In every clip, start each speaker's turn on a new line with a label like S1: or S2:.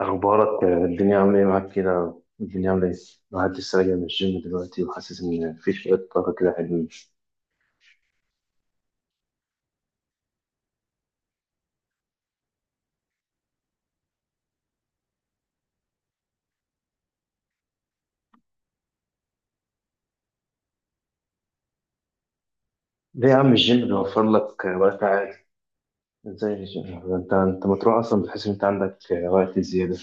S1: أخبارك الدنيا عاملة إيه معاك كده؟ الدنيا عاملة إيه؟ الواحد لسه راجع من الجيم دلوقتي وحاسس إن في شوية طاقة كده حلوين. ليه يا عم الجيم بيوفر لك وقت عادي؟ إزاي الجيم؟ أنت ما تروح أصلا بتحس إن أنت عندك وقت زيادة.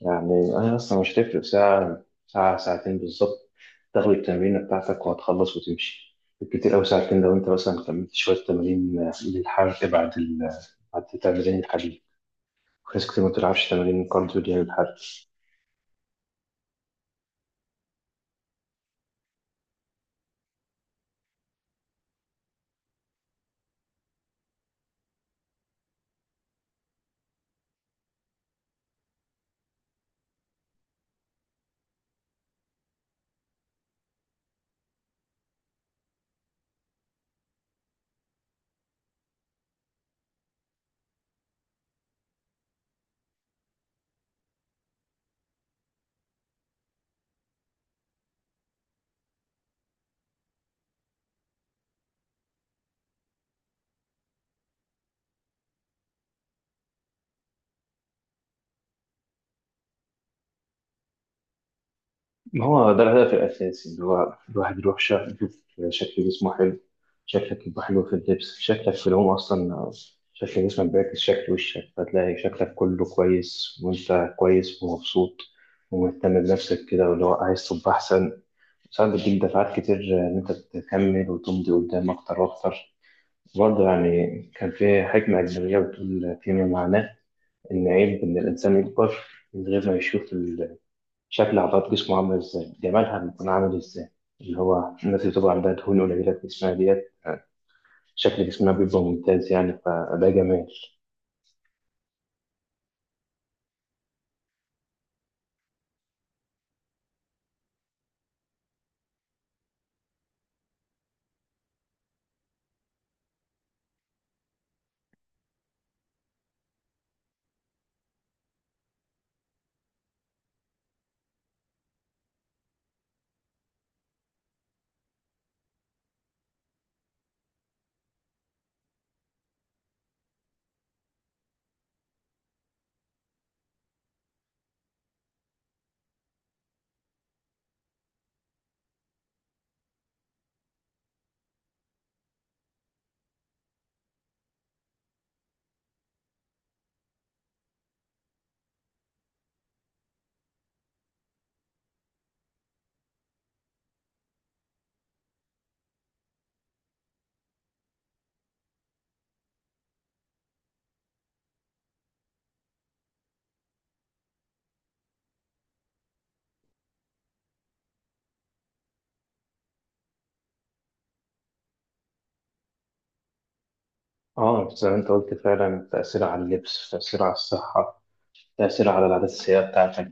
S1: يعني أنا أصلا مش هتفرق ساعة ساعة ساعتين بالظبط، تاخد التمرينة بتاعتك وهتخلص وتمشي. بالكتير أوي ساعتين لو أنت مثلا كملت شوية تمارين للحرق بعد تمارين الحديد. في ناس كتير ما بتلعبش تمارين كارديو دي للحرق. ما هو ده الهدف الأساسي اللي هو الواحد يروح يشوف شكل جسمه حلو، شكلك يبقى حلو في اللبس، شكلك في العموم أصلا شكل جسمك بيعكس شكل وشك، فتلاقي شكلك كله كويس وأنت كويس ومبسوط ومهتم بنفسك كده، واللي هو عايز تبقى أحسن. ساعات بتديك دفعات كتير إن أنت تكمل وتمضي قدام أكتر وأكتر. برضه يعني كان في حكمة أجنبية بتقول فيما معناه إن عيب إن الإنسان يكبر من غير ما يشوف شكل عضلات جسمه عاملة ازاي، جمالها بيكون عامل ازاي. اللي هو الناس اللي بتبقى عندها دهون قليلة في جسمها ديت شكل جسمها بيبقى ممتاز، يعني فده جمال. اه زي ما انت قلت فعلا، تأثير على اللبس، تأثير على الصحة، تأثير على العادات السيئة بتاعتك.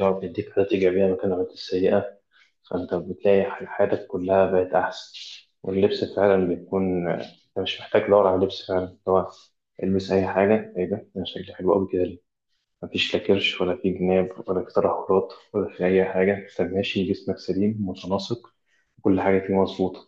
S1: لو بيديك عادات إيجابية مكان العادات السيئة فأنت بتلاقي حياتك كلها بقت أحسن. واللبس فعلا بيكون أنت مش محتاج تدور على لبس، فعلا هو البس أي حاجة، إيه ده أنا شكلي حلو أوي كده، مفيش لا كرش ولا في جناب ولا في تدهورات ولا في أي حاجة، أنت ماشي جسمك سليم متناسق، كل حاجة فيه مظبوطة.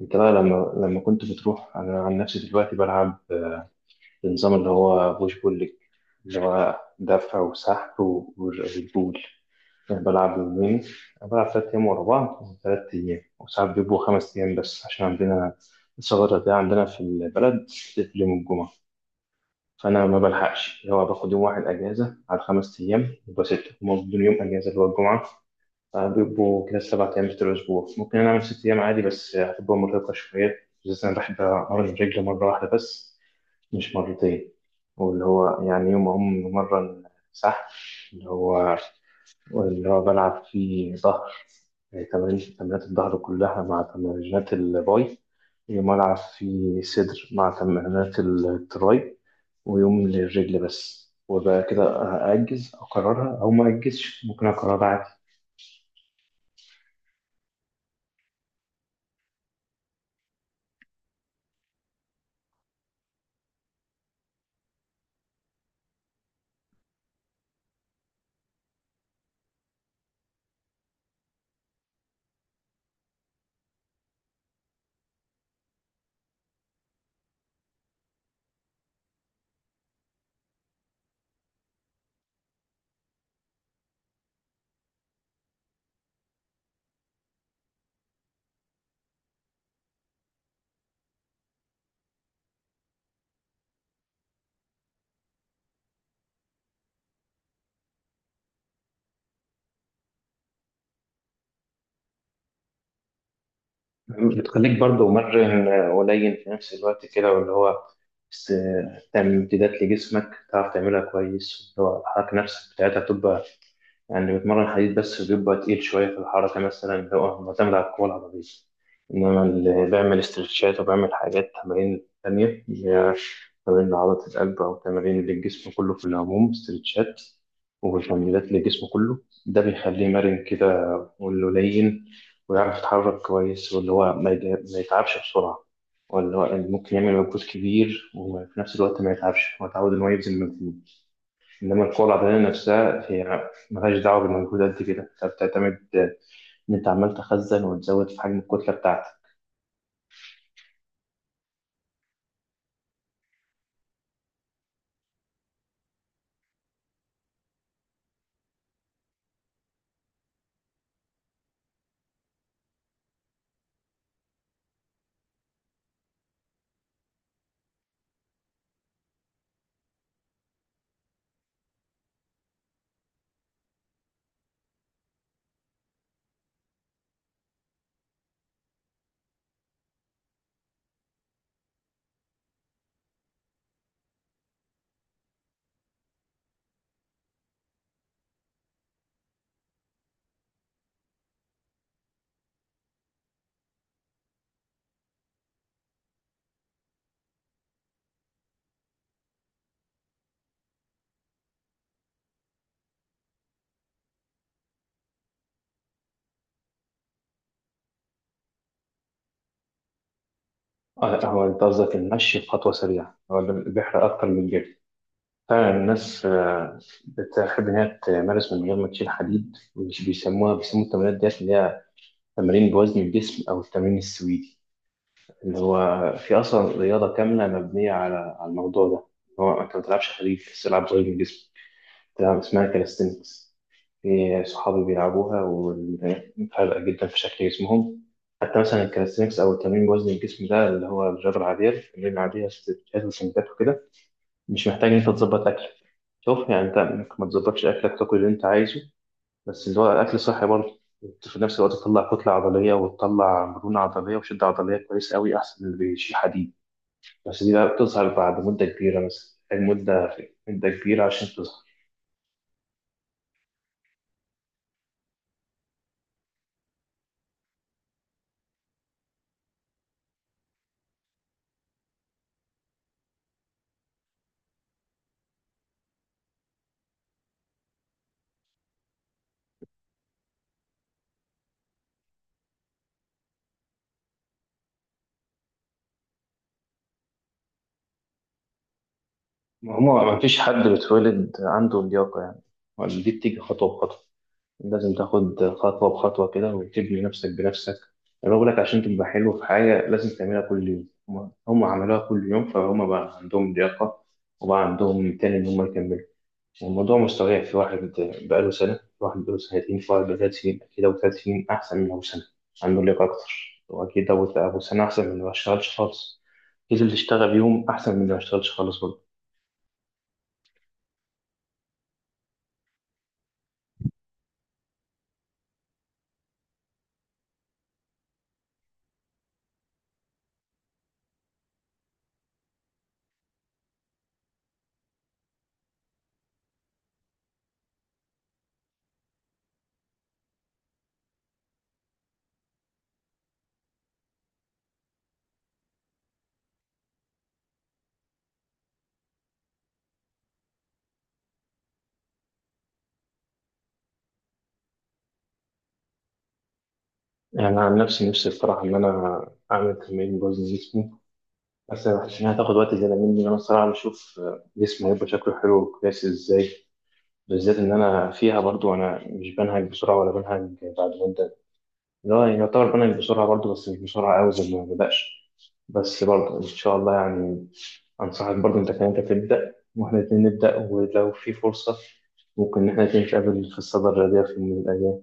S1: أنت بقى لما كنت بتروح، أنا عن نفسي دلوقتي بلعب النظام اللي هو بوش بول ليج، اللي هو دفع وسحب والبول. أنا بلعب يومين، أنا بلعب 3 أيام ورا بعض، 3 أيام وساعات بيبقوا 5 أيام، بس عشان عندنا الثغرة دي عندنا في البلد بتقفل يوم الجمعة. فانا ما بلحقش، اللي هو باخد يوم واحد اجازه على 5 ايام يبقى سته، هما بدون يوم اجازه اللي هو الجمعه فبيبقوا كده 7 ايام في الاسبوع. ممكن انا اعمل 6 ايام عادي بس هتبقى مرهقه شويه، بالذات انا بحب امرن الرجل مره واحده بس مش مرتين. واللي هو يعني يوم أقوم مرة سحب، اللي هو بلعب فيه ظهر، يعني تمرينات الظهر كلها مع تمرينات الباي، يوم ألعب فيه صدر مع تمرينات التراي، ويوم للرجل بس، وبقى كده أأجز أقررها أو ما أجزش، ممكن أقررها. بتخليك برضه مرن، قليل في نفس الوقت كده، واللي هو بس تعمل امتدادات لجسمك تعرف تعملها كويس، اللي هو الحركة نفسك بتاعتها تبقى يعني بتمرن حديد بس بيبقى تقيل شوية في الحركة مثلا، اللي هو معتمد على القوة العضلية. إنما اللي بيعمل استرتشات وبيعمل حاجات تمارين تانية، اللي هي تمارين لعضلة القلب أو تمارين للجسم كله في العموم، استرتشات وتمرينات للجسم كله، ده بيخليه مرن كده ولين، ويعرف يتحرك كويس، واللي هو ما يتعبش بسرعة، واللي هو ممكن يعمل مجهود كبير وفي نفس الوقت ما يتعبش، هو اتعود إن هو يبذل مجهود. إنما القوة البدنية نفسها هي ملهاش دعوة بالمجهود قد كده، أنت بتعتمد إن أنت عمال تخزن وتزود في حجم الكتلة بتاعتك. آه لا هو أنت قصدك المشي بخطوة سريعة، هو ده اللي بيحرق أكتر من الجري. فعلا الناس بتحب إن هي تمارس من غير ما تشيل حديد، مش بيسموا التمرينات ديت اللي هي تمارين بوزن الجسم أو التمرين السويدي. اللي هو في اصلا رياضه كامله مبنيه على الموضوع ده، هو انت ما بتلعبش حديد بس تلعب غير من جسمك، بتلعب اسمها كاليستينكس. في صحابي بيلعبوها وفارقه جدا في شكل جسمهم. حتى مثلا الكاليستينكس او التمرين بوزن الجسم ده اللي هو الرياضه العاديه، التمرين العاديه ستات وسنتات وكده، مش محتاج ان انت تظبط اكلك. شوف يعني انت ممكن ما تظبطش اكلك، تاكل اللي انت عايزه بس اللي هو اكل صحي برضه، في نفس الوقت تطلع كتله عضليه وتطلع مرونه عضليه وشده عضليه كويس قوي، احسن من اللي بيشيل حديد. بس دي بقى بتظهر بعد مدة كبيرة، مثلا مدة كبيرة عشان تظهر. ما هما ما فيش حد بيتولد عنده اللياقة يعني، ولا دي بتيجي خطوة بخطوة، لازم تاخد خطوة بخطوة كده وتبني نفسك بنفسك. أنا بقول لك عشان تبقى حلو في حاجة لازم تعملها كل يوم، هم عملوها كل يوم فهم بقى عندهم لياقة، وبقى عندهم تاني إن هم يكملوا. والموضوع مستويع في واحد بقاله سنة، في واحد بقاله سنتين، في واحد بقاله 3 سنين، أكيد أبو 3 سنين أحسن من أبو سنة، عنده لياقة أكتر، وأكيد أبو سنة أحسن من اللي ما اشتغلش خالص، أكيد اللي اشتغل يوم أحسن من اللي ما اشتغلش خالص برضه. يعني أنا عن نفسي بصراحة إن أنا أعمل تمرين بوزن جسمي، بس ما حسيتش انها تاخد وقت زياده مني، انا الصراحه بشوف جسمي هيبقى شكله حلو وكويس ازاي، بالذات ان انا فيها برضو. انا مش بنهج بسرعه ولا بنهج بعد مده، لا يعني يعتبر بنهج بسرعه برضو بس مش بسرعه قوي زي ما بدأش. بس برضو ان شاء الله يعني انصحك برضو انت كمان، انت تبدا واحنا الاتنين نبدا، ولو في فرصه ممكن ان احنا الاتنين نتقابل في الصدى الرياضيه في يوم من الايام.